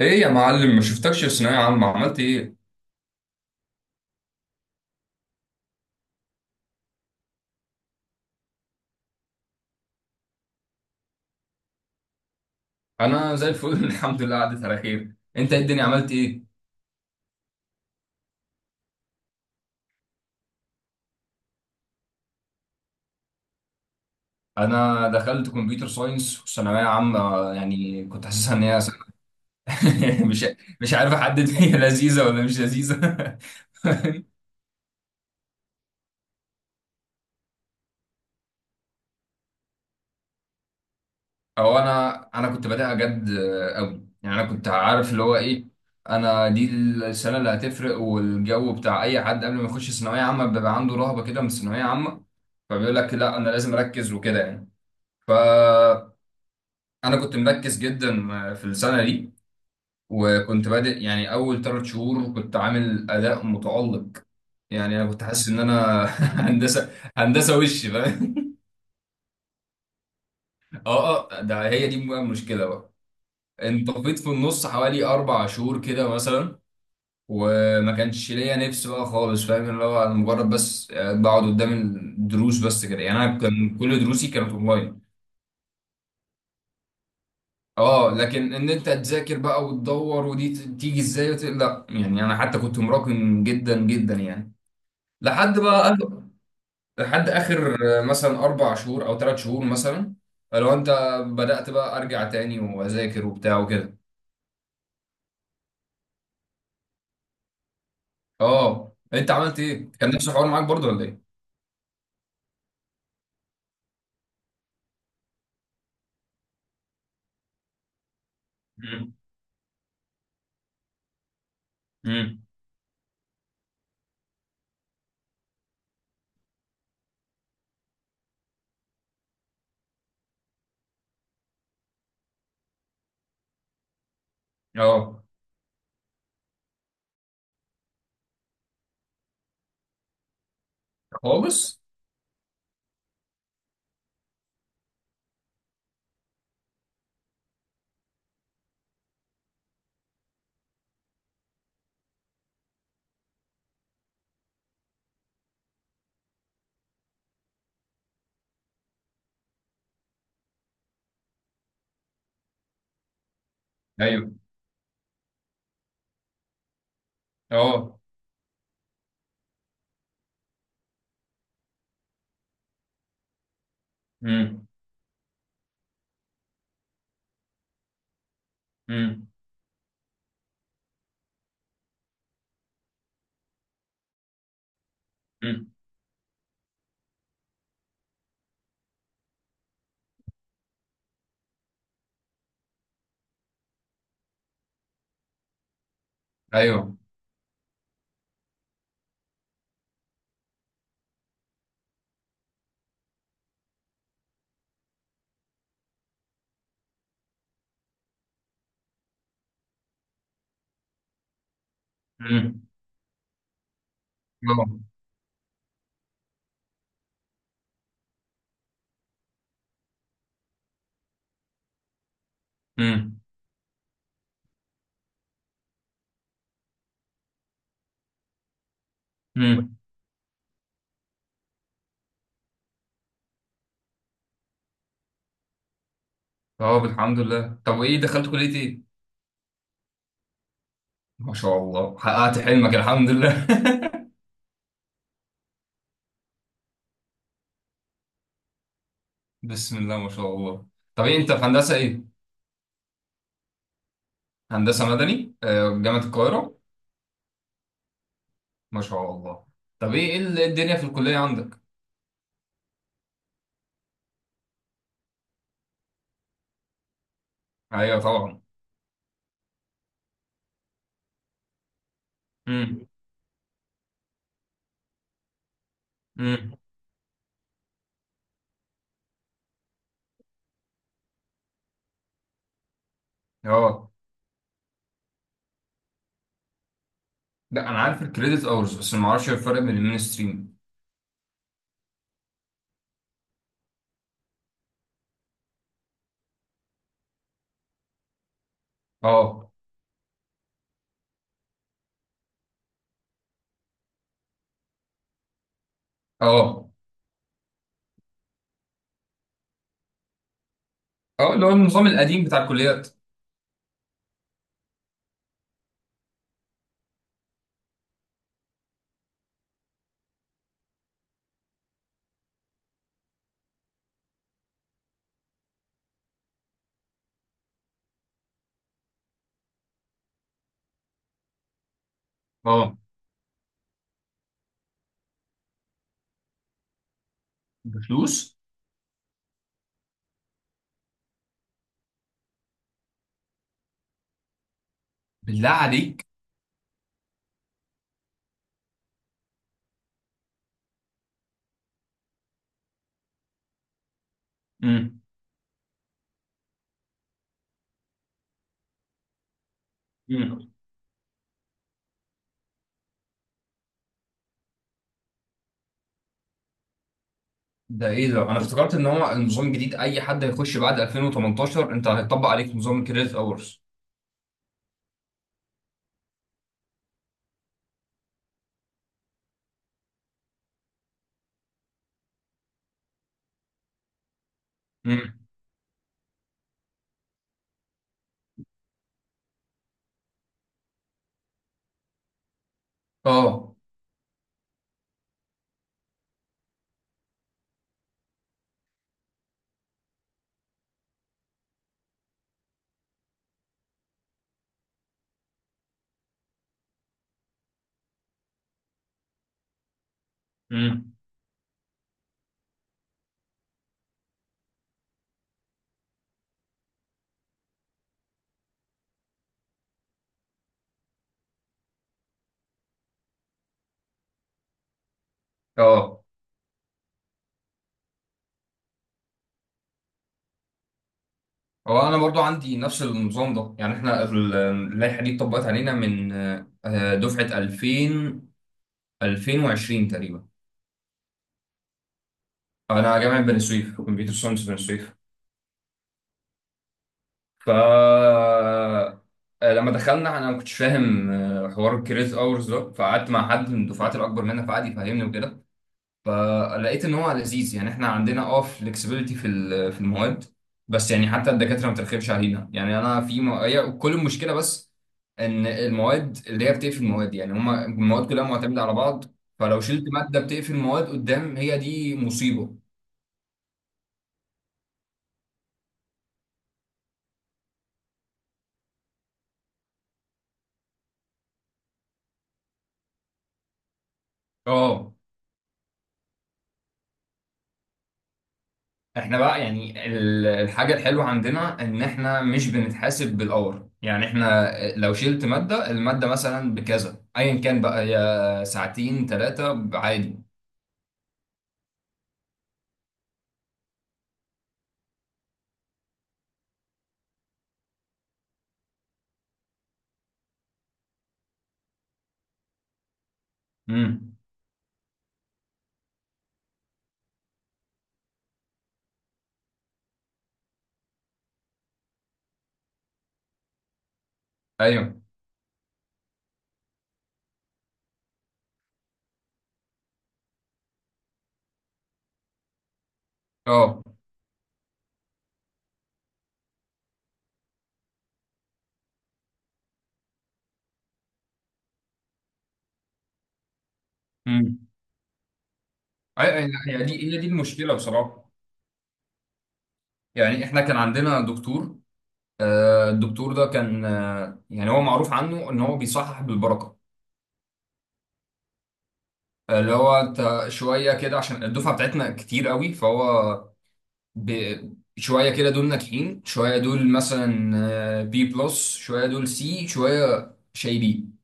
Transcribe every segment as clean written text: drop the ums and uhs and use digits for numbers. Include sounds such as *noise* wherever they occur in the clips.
ايه يا معلم ما شفتكش في ثانوية عامة عملت ايه؟ انا زي الفل *laughs* الحمد لله عدت على خير، انت إيه الدنيا عملت ايه؟ انا دخلت كمبيوتر ساينس وثانويه عامه. يعني كنت حاسسها ان هي *laughs* مش مش عارف احدد، *laughs* هي لذيذه ولا مش لذيذه؟ *laughs* او انا كنت بادئها جد قوي، يعني انا كنت عارف اللي هو ايه. انا دي السنه اللي هتفرق، والجو بتاع اي حد قبل ما يخش ثانويه عامه بيبقى عنده رهبه كده من الثانويه عامه، فبيقول لك لا انا لازم اركز وكده يعني. ف انا كنت مركز جدا في السنه دي، وكنت بادئ يعني اول ثلاث شهور كنت عامل اداء متالق. يعني انا كنت حاسس ان انا *laughs* هندسه هندسه وش فاهم. *laughs* اه، اه، ده هي دي بقى المشكله بقى. انطفيت في النص حوالي 4 شهور كده مثلا، وما كانش ليا نفس بقى خالص، فاهم اللي هو انا مجرد بس بقعد قدام الدروس بس كده يعني، انا كان كل دروسي كانت اونلاين. اه، لكن ان انت تذاكر بقى وتدور ودي تيجي ازاي لا، يعني انا حتى كنت مراكم جدا جدا يعني لحد بقى آخر... لحد اخر. مثلا 4 شهور او 3 شهور مثلا، لو انت بدأت بقى ارجع تاني واذاكر وبتاع وكده. اه انت عملت ايه؟ كان نفس الحوار معاك برضو ولا ايه؟ مم. مم. اه. خالص. ايوه. اه. مم. مم. مم. ايوه. مم. اه. مم. مم. اه الحمد لله، طب وايه دخلت كلية ايه؟ ما شاء الله حققت حلمك الحمد لله. *laughs* بسم الله ما شاء الله. طب ايه انت في هندسة ايه؟ هندسة مدني، جامعة القاهرة؟ ما شاء الله. طب ايه إيه إيه الدنيا في الكلية عندك؟ ايوه طبعا. امم. امم. اه. لا انا عارف الكريدت اورز بس ما اعرفش الفرق بين المين ستريم. اه. اه. اه اللي هو النظام القديم بتاع الكليات. اه. بفلوس. بالله عليك. امم. ده ايه ده، انا افتكرت ان هو النظام الجديد اي حد هيخش بعد 2018 انت هيطبق عليك نظام الكريدت اورز. امم. اه. امم. اه. هو انا برضو عندي نفس النظام ده، يعني احنا اللائحه دي اتطبقت علينا من دفعه 2000 2020 تقريبا. انا جامعه بني سويف كمبيوتر ساينس بني سويف. ف لما دخلنا انا ما كنتش فاهم حوار الكريدت اورز ده، فقعدت مع حد من الدفعات الاكبر مننا فقعد يفهمني وكده، فلقيت ان هو لذيذ. يعني احنا عندنا فلكسبيليتي في في المواد، بس يعني حتى الدكاتره ما بترخمش علينا. يعني انا في هي كل المشكله بس ان المواد اللي هي بتقفل المواد، يعني هما المواد كلها معتمده على بعض. فلو شلت ماده بتقفل المواد قدام، هي دي مصيبه. اه احنا بقى يعني الحاجه الحلوه عندنا ان احنا مش بنتحاسب بالاور، يعني احنا لو شلت ماده الماده مثلا بكذا ايا كان بقى يا ساعتين ثلاثه عادي. امم. ايوه. اه. امم. ايوه هي دي المشكله بصراحه. يعني احنا كان عندنا دكتور، الدكتور ده كان، يعني هو معروف عنه ان هو بيصحح بالبركه. اللي هو انت شويه كده، عشان الدفعه بتاعتنا كتير قوي، فهو شويه كده دول ناجحين، شويه دول مثلا بي بلس، شويه دول سي، شويه شايبين.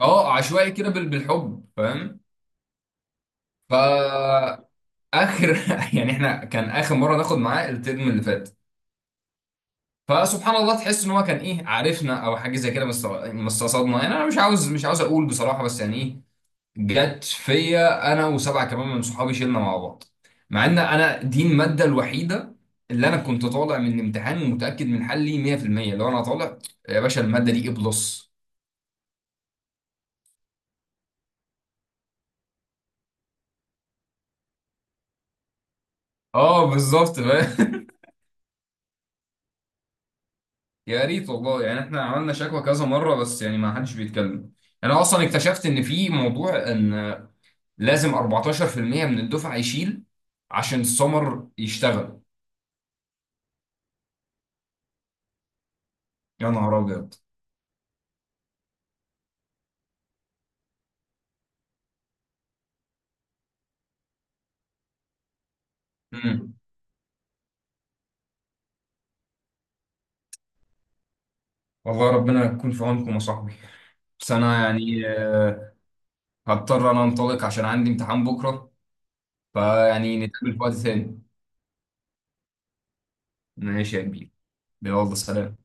اه عشوائي كده بالحب، فاهم. فاخر. *laughs* يعني احنا كان اخر مره ناخد معاه الترم اللي فات، فسبحان الله تحس ان هو كان ايه عارفنا او حاجه زي كده، بس مستصدنا، يعني انا مش عاوز اقول بصراحه، بس يعني ايه، جت فيا انا وسبعه كمان من صحابي شلنا مع بعض، مع ان انا دي الماده الوحيده اللي انا كنت طالع من الامتحان ومتاكد من حلي 100%. لو انا طالع يا باشا الماده دي ايه بلس. اه بالظبط، فاهم. *laughs* يا ريت والله، يعني احنا عملنا شكوى كذا مره بس يعني ما حدش بيتكلم. انا اصلا اكتشفت ان في موضوع ان لازم 14% من الدفعه يشيل عشان السمر يشتغل. يا نهار ابيض. مم. والله ربنا يكون في عونكم يا صاحبي. بس انا يعني هضطر انا انطلق عشان عندي امتحان بكره، فيعني نتقابل في وقت ثاني. ماشي يا كبير. يلا سلام.